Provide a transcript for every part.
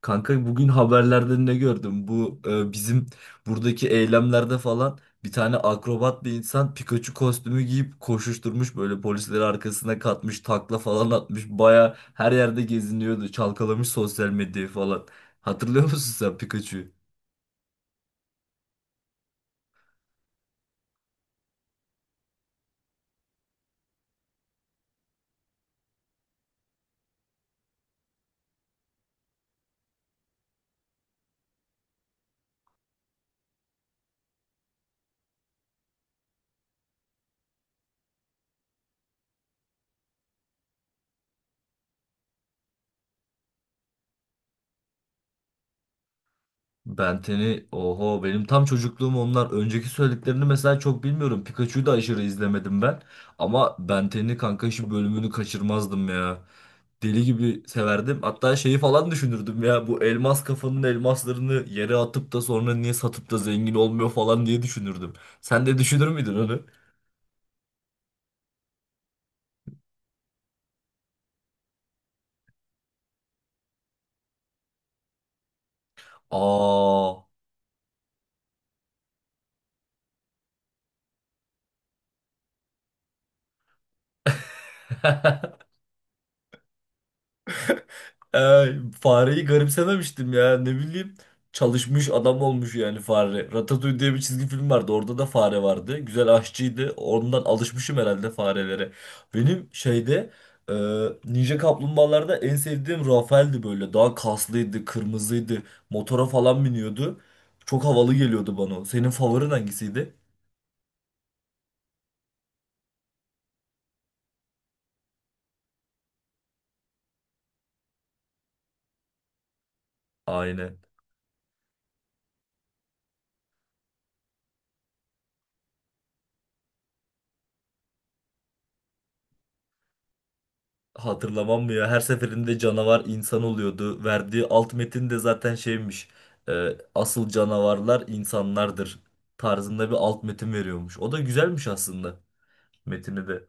Kanka bugün haberlerde ne gördüm? Bu bizim buradaki eylemlerde falan bir tane akrobat bir insan Pikachu kostümü giyip koşuşturmuş böyle polisleri arkasına katmış takla falan atmış baya her yerde geziniyordu çalkalamış sosyal medyayı falan. Hatırlıyor musun sen Pikachu'yu? Benten'i oho benim tam çocukluğum onlar. Önceki söylediklerini mesela çok bilmiyorum. Pikachu'yu da aşırı izlemedim ben. Ama Benten'i kanka şu bölümünü kaçırmazdım ya. Deli gibi severdim. Hatta şeyi falan düşünürdüm ya. Bu elmas kafanın elmaslarını yere atıp da sonra niye satıp da zengin olmuyor falan diye düşünürdüm. Sen de düşünür müydün onu? Aa. Ee Fareyi garipsememiştim ya ne bileyim. Çalışmış adam olmuş yani fare. Ratatouille diye bir çizgi film vardı. Orada da fare vardı. Güzel aşçıydı. Ondan alışmışım herhalde farelere. Benim şeyde, e, Ninja Kaplumbağalarda en sevdiğim Rafael'di böyle. Daha kaslıydı, kırmızıydı. Motora falan biniyordu. Çok havalı geliyordu bana. O. Senin favorin hangisiydi? Aynen. Hatırlamam mı ya? Her seferinde canavar insan oluyordu. Verdiği alt metin de zaten şeymiş. e, Asıl canavarlar insanlardır tarzında bir alt metin veriyormuş. O da güzelmiş aslında metini de.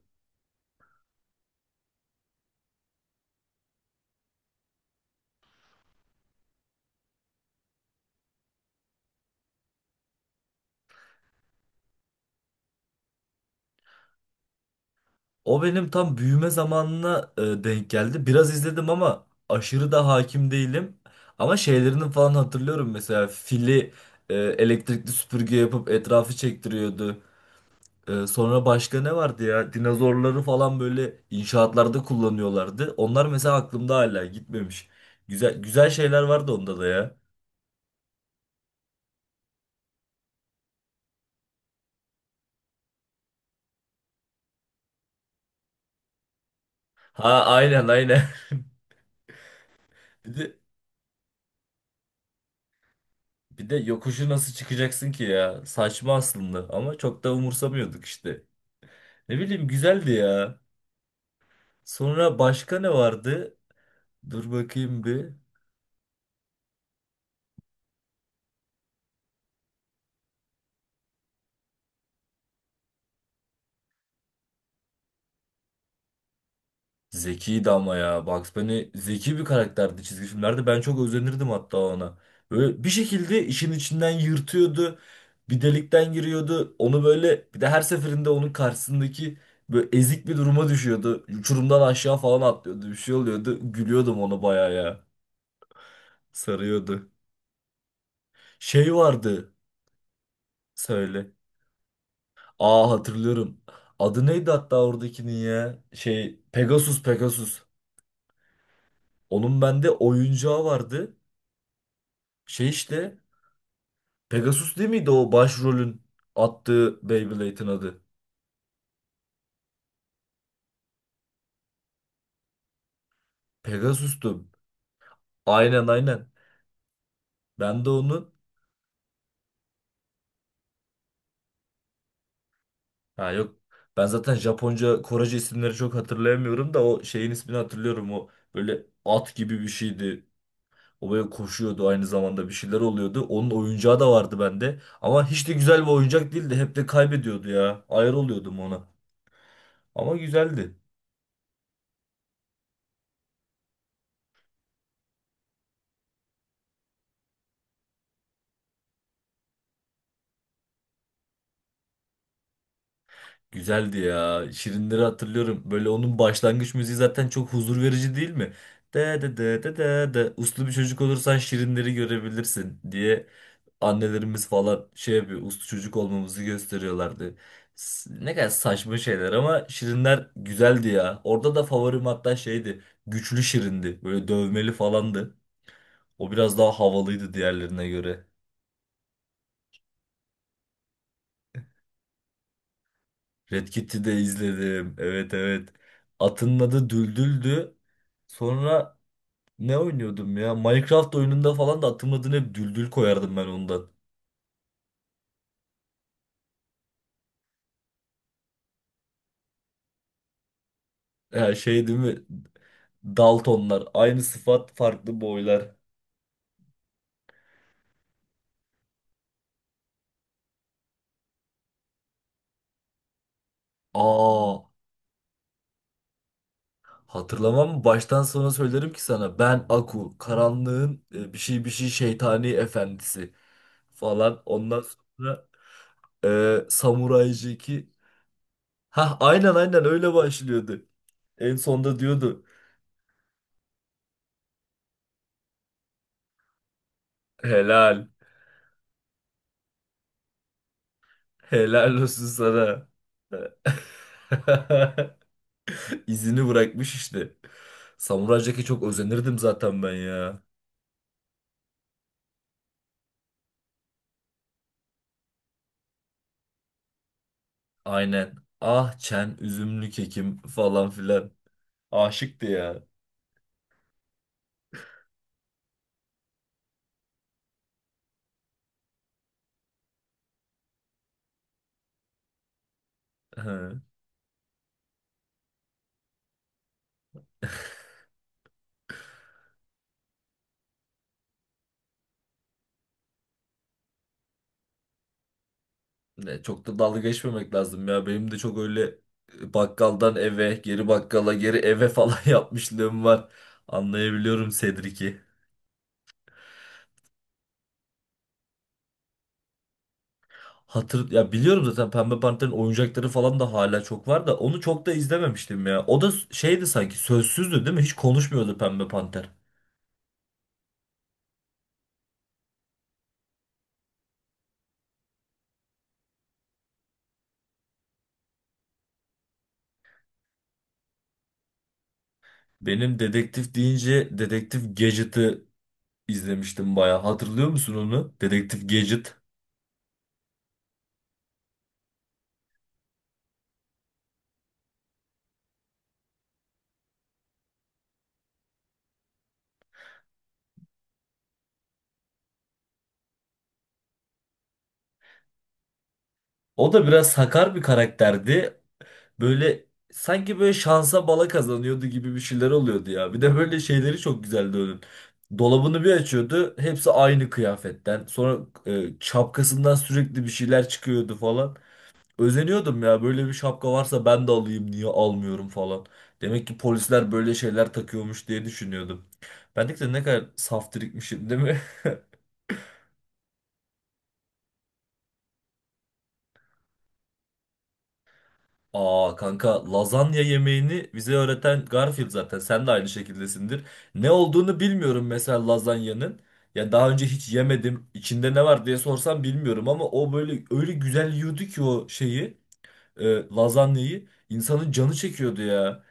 O benim tam büyüme zamanına denk geldi. Biraz izledim ama aşırı da hakim değilim. Ama şeylerini falan hatırlıyorum mesela fili elektrikli süpürge yapıp etrafı çektiriyordu. Sonra başka ne vardı ya? Dinozorları falan böyle inşaatlarda kullanıyorlardı. Onlar mesela aklımda hala gitmemiş. Güzel güzel şeyler vardı onda da ya. Ha, aynen aynen. Bir de bir de yokuşu nasıl çıkacaksın ki ya? Saçma aslında ama çok da umursamıyorduk işte. Ne bileyim güzeldi ya. Sonra başka ne vardı? Dur bakayım bir. Zekiydi ama ya. Bugs Bunny zeki bir karakterdi çizgi filmlerde. Ben çok özenirdim hatta ona. Böyle bir şekilde işin içinden yırtıyordu. Bir delikten giriyordu. Onu böyle bir de her seferinde onun karşısındaki böyle ezik bir duruma düşüyordu. Uçurumdan aşağı falan atlıyordu. Bir şey oluyordu. Gülüyordum ona bayağı ya. Sarıyordu. Şey vardı. Söyle. Aa, hatırlıyorum. Adı neydi hatta oradakinin ya? Şey, Pegasus. Onun bende oyuncağı vardı. Şey işte Pegasus değil miydi o başrolün attığı Beyblade'in adı? Pegasus'tu. Aynen aynen. Ben de onun. Ha yok. Ben zaten Japonca, Korece isimleri çok hatırlayamıyorum da o şeyin ismini hatırlıyorum. O böyle at gibi bir şeydi. O böyle koşuyordu aynı zamanda bir şeyler oluyordu. Onun oyuncağı da vardı bende. Ama hiç de güzel bir oyuncak değildi. Hep de kaybediyordu ya. Ayar oluyordum ona. Ama güzeldi. Güzeldi ya. Şirinleri hatırlıyorum. Böyle onun başlangıç müziği zaten çok huzur verici değil mi? De de de de de de. Uslu bir çocuk olursan şirinleri görebilirsin diye annelerimiz falan şey yapıyor. Uslu çocuk olmamızı gösteriyorlardı. Ne kadar saçma şeyler ama şirinler güzeldi ya. Orada da favorim hatta şeydi. Güçlü şirindi. Böyle dövmeli falandı. O biraz daha havalıydı diğerlerine göre. Red Kit'i de izledim. Evet evet. Atının adı Düldül'dü. Sonra ne oynuyordum ya? Minecraft oyununda falan da atım adını hep düldül koyardım ben ondan. Ya şey değil mi? Daltonlar. Aynı sıfat farklı boylar. Aa, hatırlamam mı? Baştan sona söylerim ki sana. Ben Aku. Karanlığın bir şey bir şey şeytani efendisi. Falan. Ondan sonra Samurai Jack'i. Hah, aynen aynen öyle başlıyordu. En sonda diyordu. Helal. Helal olsun sana. İzini bırakmış işte. Samuray Jack'e çok özenirdim zaten ben ya. Aynen. Ah çen üzümlü kekim falan filan. Aşıktı ya. Hı. Ne, çok da dalga geçmemek lazım ya. Benim de çok öyle bakkaldan eve, geri bakkala, geri eve falan yapmışlığım var. Anlayabiliyorum Cedric'i. Hatır ya biliyorum zaten Pembe Panter'in oyuncakları falan da hala çok var da onu çok da izlememiştim ya. O da şeydi sanki, sözsüzdü değil mi? Hiç konuşmuyordu Pembe Panter. Benim dedektif deyince Dedektif Gadget'ı izlemiştim bayağı. Hatırlıyor musun onu? Dedektif Gadget. O da biraz sakar bir karakterdi. Böyle sanki böyle şansa bala kazanıyordu gibi bir şeyler oluyordu ya. Bir de böyle şeyleri çok güzeldi onun. Dolabını bir açıyordu. Hepsi aynı kıyafetten. Sonra şapkasından sürekli bir şeyler çıkıyordu falan. Özeniyordum ya böyle bir şapka varsa ben de alayım niye almıyorum falan. Demek ki polisler böyle şeyler takıyormuş diye düşünüyordum. Ben de ne kadar saftirikmişim değil mi? Aa kanka lazanya yemeğini bize öğreten Garfield zaten sen de aynı şekildesindir. Ne olduğunu bilmiyorum mesela lazanyanın. Ya daha önce hiç yemedim. İçinde ne var diye sorsam bilmiyorum ama o böyle öyle güzel yiyordu ki o şeyi, e, lazanyayı insanın canı çekiyordu ya.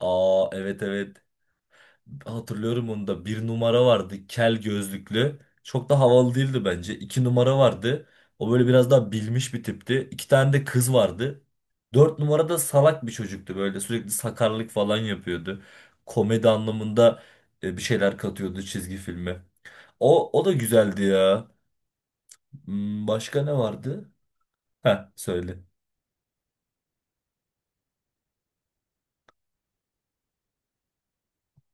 Aa evet evet. Hatırlıyorum onu da. Bir numara vardı. Kel gözlüklü. Çok da havalı değildi bence. İki numara vardı. O böyle biraz daha bilmiş bir tipti. İki tane de kız vardı. Dört numara da salak bir çocuktu. Böyle sürekli sakarlık falan yapıyordu. Komedi anlamında bir şeyler katıyordu çizgi filme. O da güzeldi ya. Hmm, başka ne vardı? Heh, söyle.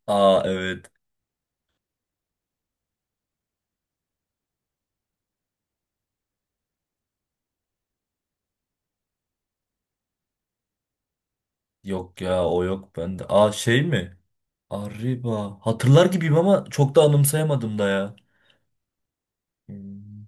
Aa evet. Yok ya o yok bende. Aa şey mi? Arriba. Hatırlar gibiyim ama çok da anımsayamadım da ya. Hmm.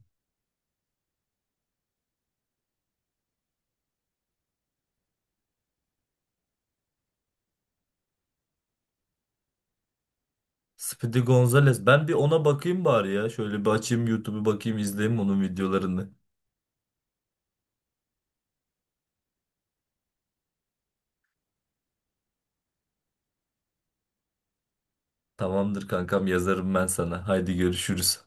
Speedy Gonzales. Ben bir ona bakayım bari ya. Şöyle bir açayım YouTube'u, bakayım izleyeyim onun videolarını. Tamamdır kankam yazarım ben sana. Haydi görüşürüz.